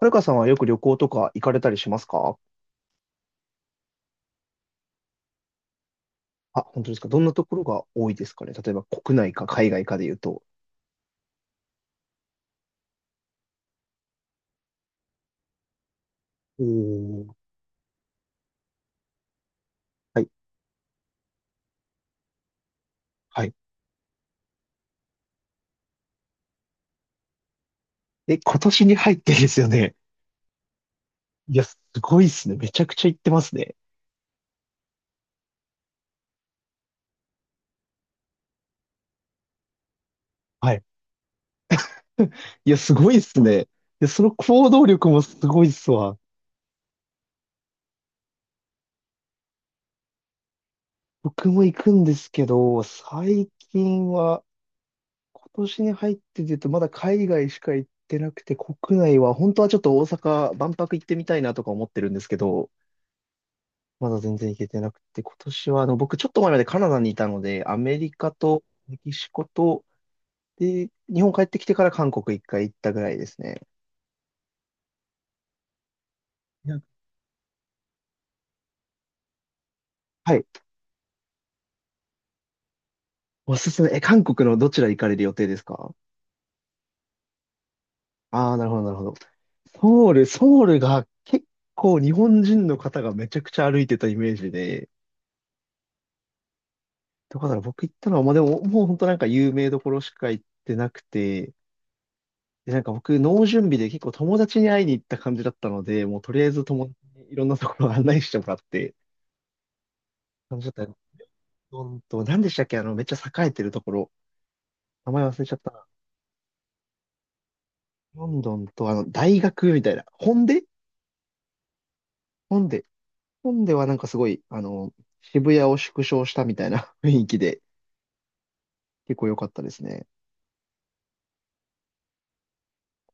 はるかさんはよく旅行とか行かれたりしますか？あ、本当ですか？どんなところが多いですかね？例えば国内か海外かで言うと。おー、はい、はい。え、今年に入ってですよね。いや、すごいっすね。めちゃくちゃ行ってますね。はい。いや、すごいっすね。いや、その行動力もすごいっすわ。僕も行くんですけど、最近は、今年に入ってで言うと、まだ海外しか行ってなくて、国内は、本当はちょっと大阪、万博行ってみたいなとか思ってるんですけど、まだ全然行けてなくて、今年は僕ちょっと前までカナダにいたので、アメリカとメキシコと、で、日本帰ってきてから韓国一回行ったぐらいですね。いや、はい。おすすめ。え、韓国のどちら行かれる予定ですか？ああー、なるほど、なるほど。ソウルが結構日本人の方がめちゃくちゃ歩いてたイメージで、だから僕行ったのは、まあでも、もう本当なんか有名どころしか行ってなくて、で、なんか僕、脳準備で結構友達に会いに行った感じだったので、もうとりあえず友達にいろんなところを案内してもらって、感じだったよ。ロンドンと、何でしたっけ、めっちゃ栄えてるところ。名前忘れちゃったな。ロンドンと、大学みたいな。ホンデ。ホンデはなんかすごい、渋谷を縮小したみたいな 雰囲気で、結構良かったですね。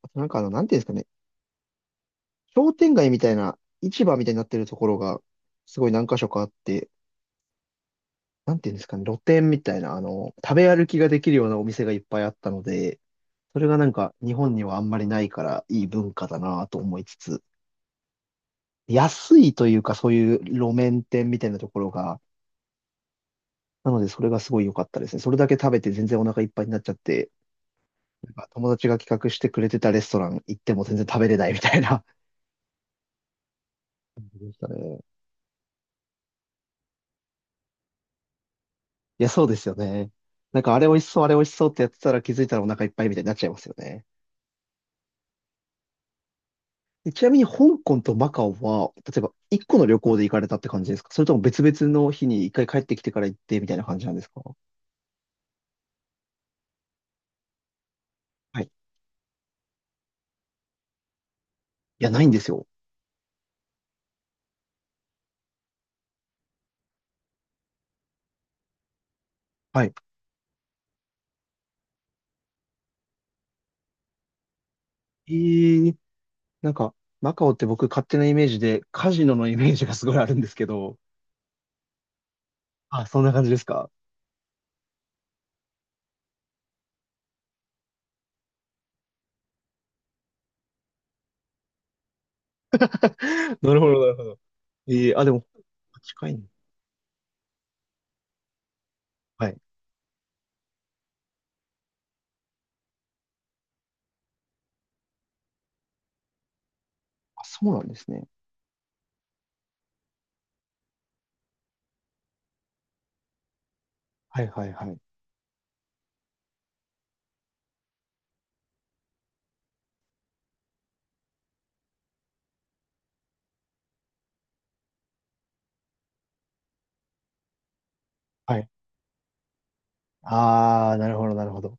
あとなんかなんていうんですかね。商店街みたいな、市場みたいになってるところが、すごい何箇所かあって、なんていうんですかね、露店みたいな、食べ歩きができるようなお店がいっぱいあったので、それがなんか日本にはあんまりないからいい文化だなと思いつつ、安いというかそういう路面店みたいなところが、なのでそれがすごい良かったですね。それだけ食べて全然お腹いっぱいになっちゃって、なんか友達が企画してくれてたレストラン行っても全然食べれないみたいな。でしたね。いや、そうですよね。なんかあれ美味しそう、あれ美味しそうってやってたら気づいたらお腹いっぱいみたいになっちゃいますよね。でちなみに香港とマカオは、例えば一個の旅行で行かれたって感じですか？それとも別々の日に一回帰ってきてから行ってみたいな感じなんですか？はい。いや、ないんですよ。はい。えー、なんか、マカオって僕勝手なイメージでカジノのイメージがすごいあるんですけど。あ、そんな感じですか？ なるほど、なるほど。えー、あ、でも、近いね。はい。あ、そうなんですね。はいはいはい。はい。あー、なるほど、なるほど。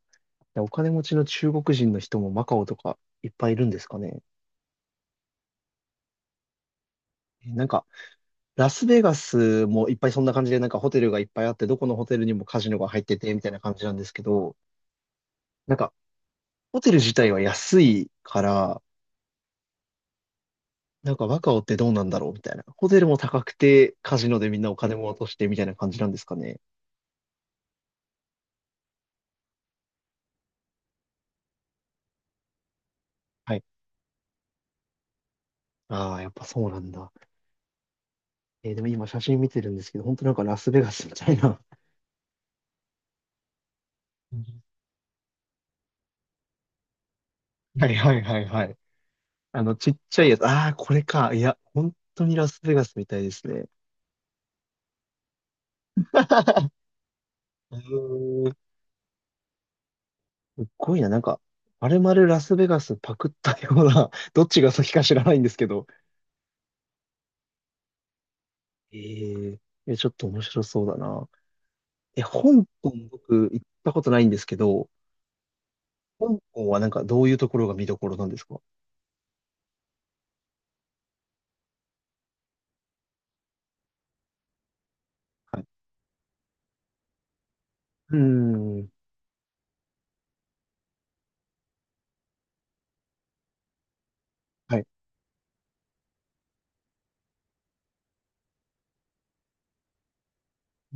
でお金持ちの中国人の人もマカオとかいっぱいいるんですかね。え、なんか、ラスベガスもいっぱいそんな感じで、なんかホテルがいっぱいあって、どこのホテルにもカジノが入ってて、みたいな感じなんですけど、なんかホテル自体は安いから、なんかワカオってどうなんだろうみたいな。ホテルも高くて、カジノでみんなお金も落としてみたいな感じなんですかね。はい。ああ、やっぱそうなんだ。えーでも今写真見てるんですけど、本当なんかラスベガスみたいな。うん、はいはいはいはい。ちっちゃいやつ。ああ、これか。いや、本当にラスベガスみたいですね。うん、すっごいな、なんか、まるまるラスベガスパクったような、どっちが先か知らないんですけど。えー、え、ちょっと面白そうだな。え、香港僕行ったことないんですけど、香港はなんかどういうところが見どころなんですか？はい。うーん。はい。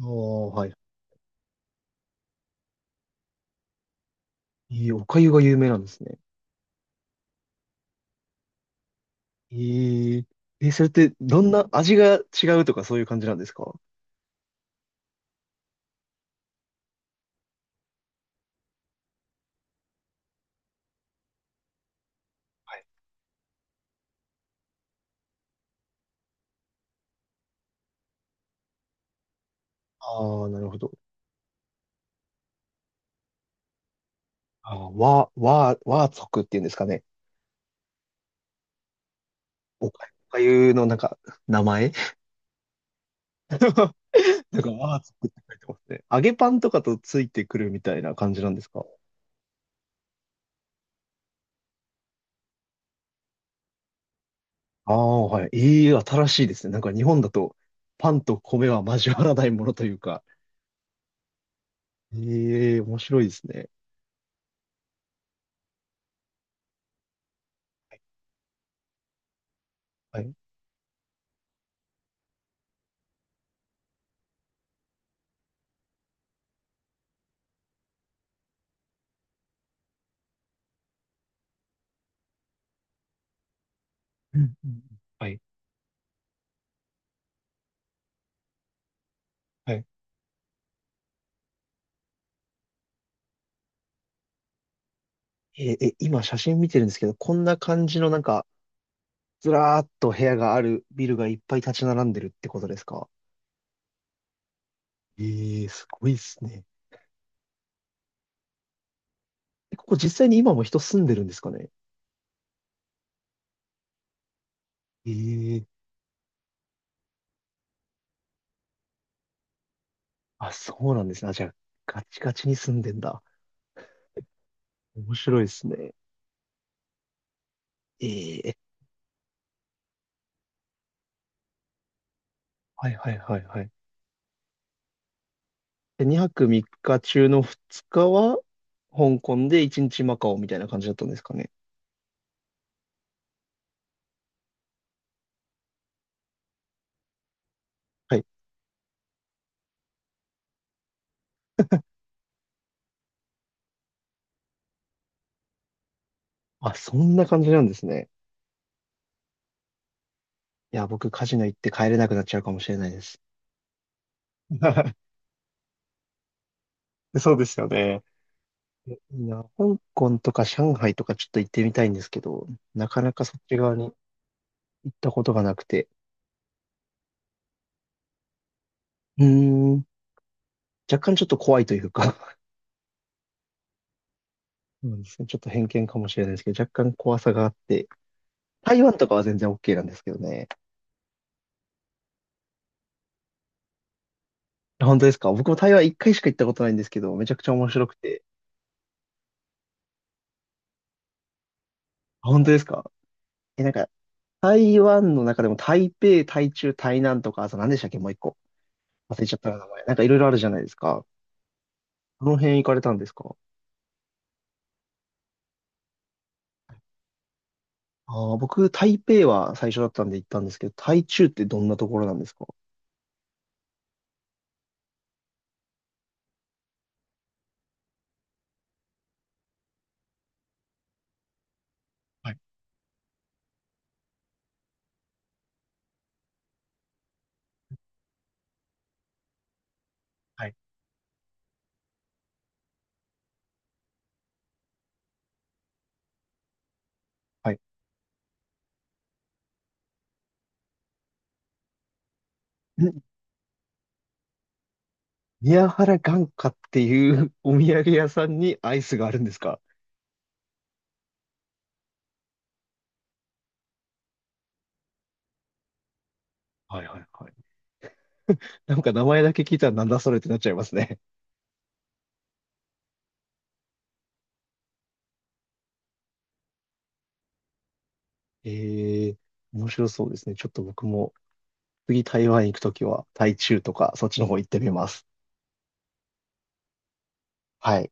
ああ、はい。えー、お粥が有名なんですね。えー、え、それってどんな味が違うとかそういう感じなんですか？はい。ああ、なるほど。ああ、和族っていうんですかね。お粥のなんか名前、なんかアーツって書いてますね。揚げパンとかとついてくるみたいな感じなんですか？ああ、はい。いい、新しいですね。なんか日本だとパンと米は交わらないものというか。ええ、面白いですね。はい。うんうんうん、はい。はい。えー、え、今写真見てるんですけど、こんな感じのなんか、ずらーっと部屋があるビルがいっぱい立ち並んでるってことですか？ええ、すごいですね。え、ここ実際に今も人住んでるんですかね？ええ、あ、そうなんですね。あ、じゃあ、ガチガチに住んでんだ。面白いですね。ええ。はいはいはいはい。で、2泊3日中の2日は、香港で1日マカオみたいな感じだったんですかね。はい。あ、そんな感じなんですね。いや、僕カジノ行って帰れなくなっちゃうかもしれないです。そうですよね。いや、香港とか上海とかちょっと行ってみたいんですけど、なかなかそっち側に行ったことがなくて、うーん、若干ちょっと怖いというか、そうですね、ちょっと偏見かもしれないですけど、若干怖さがあって、台湾とかは全然 OK なんですけどね。本当ですか？僕も台湾一回しか行ったことないんですけど、めちゃくちゃ面白くて。本当ですか？え、なんか、台湾の中でも台北、台中、台南とか、あと何でしたっけもう一個。忘れちゃったな、名前。なんかいろいろあるじゃないですか。この辺行かれたんですか？ああー、僕、台北は最初だったんで行ったんですけど、台中ってどんなところなんですか？はいはいはい。ん、宮原眼科っていう お土産屋さんにアイスがあるんですか？はいはいはい。なんか名前だけ聞いたらなんだそれってなっちゃいますね。ええ、面白そうですね。ちょっと僕も次台湾行くときは、台中とか、そっちの方行ってみます。はい。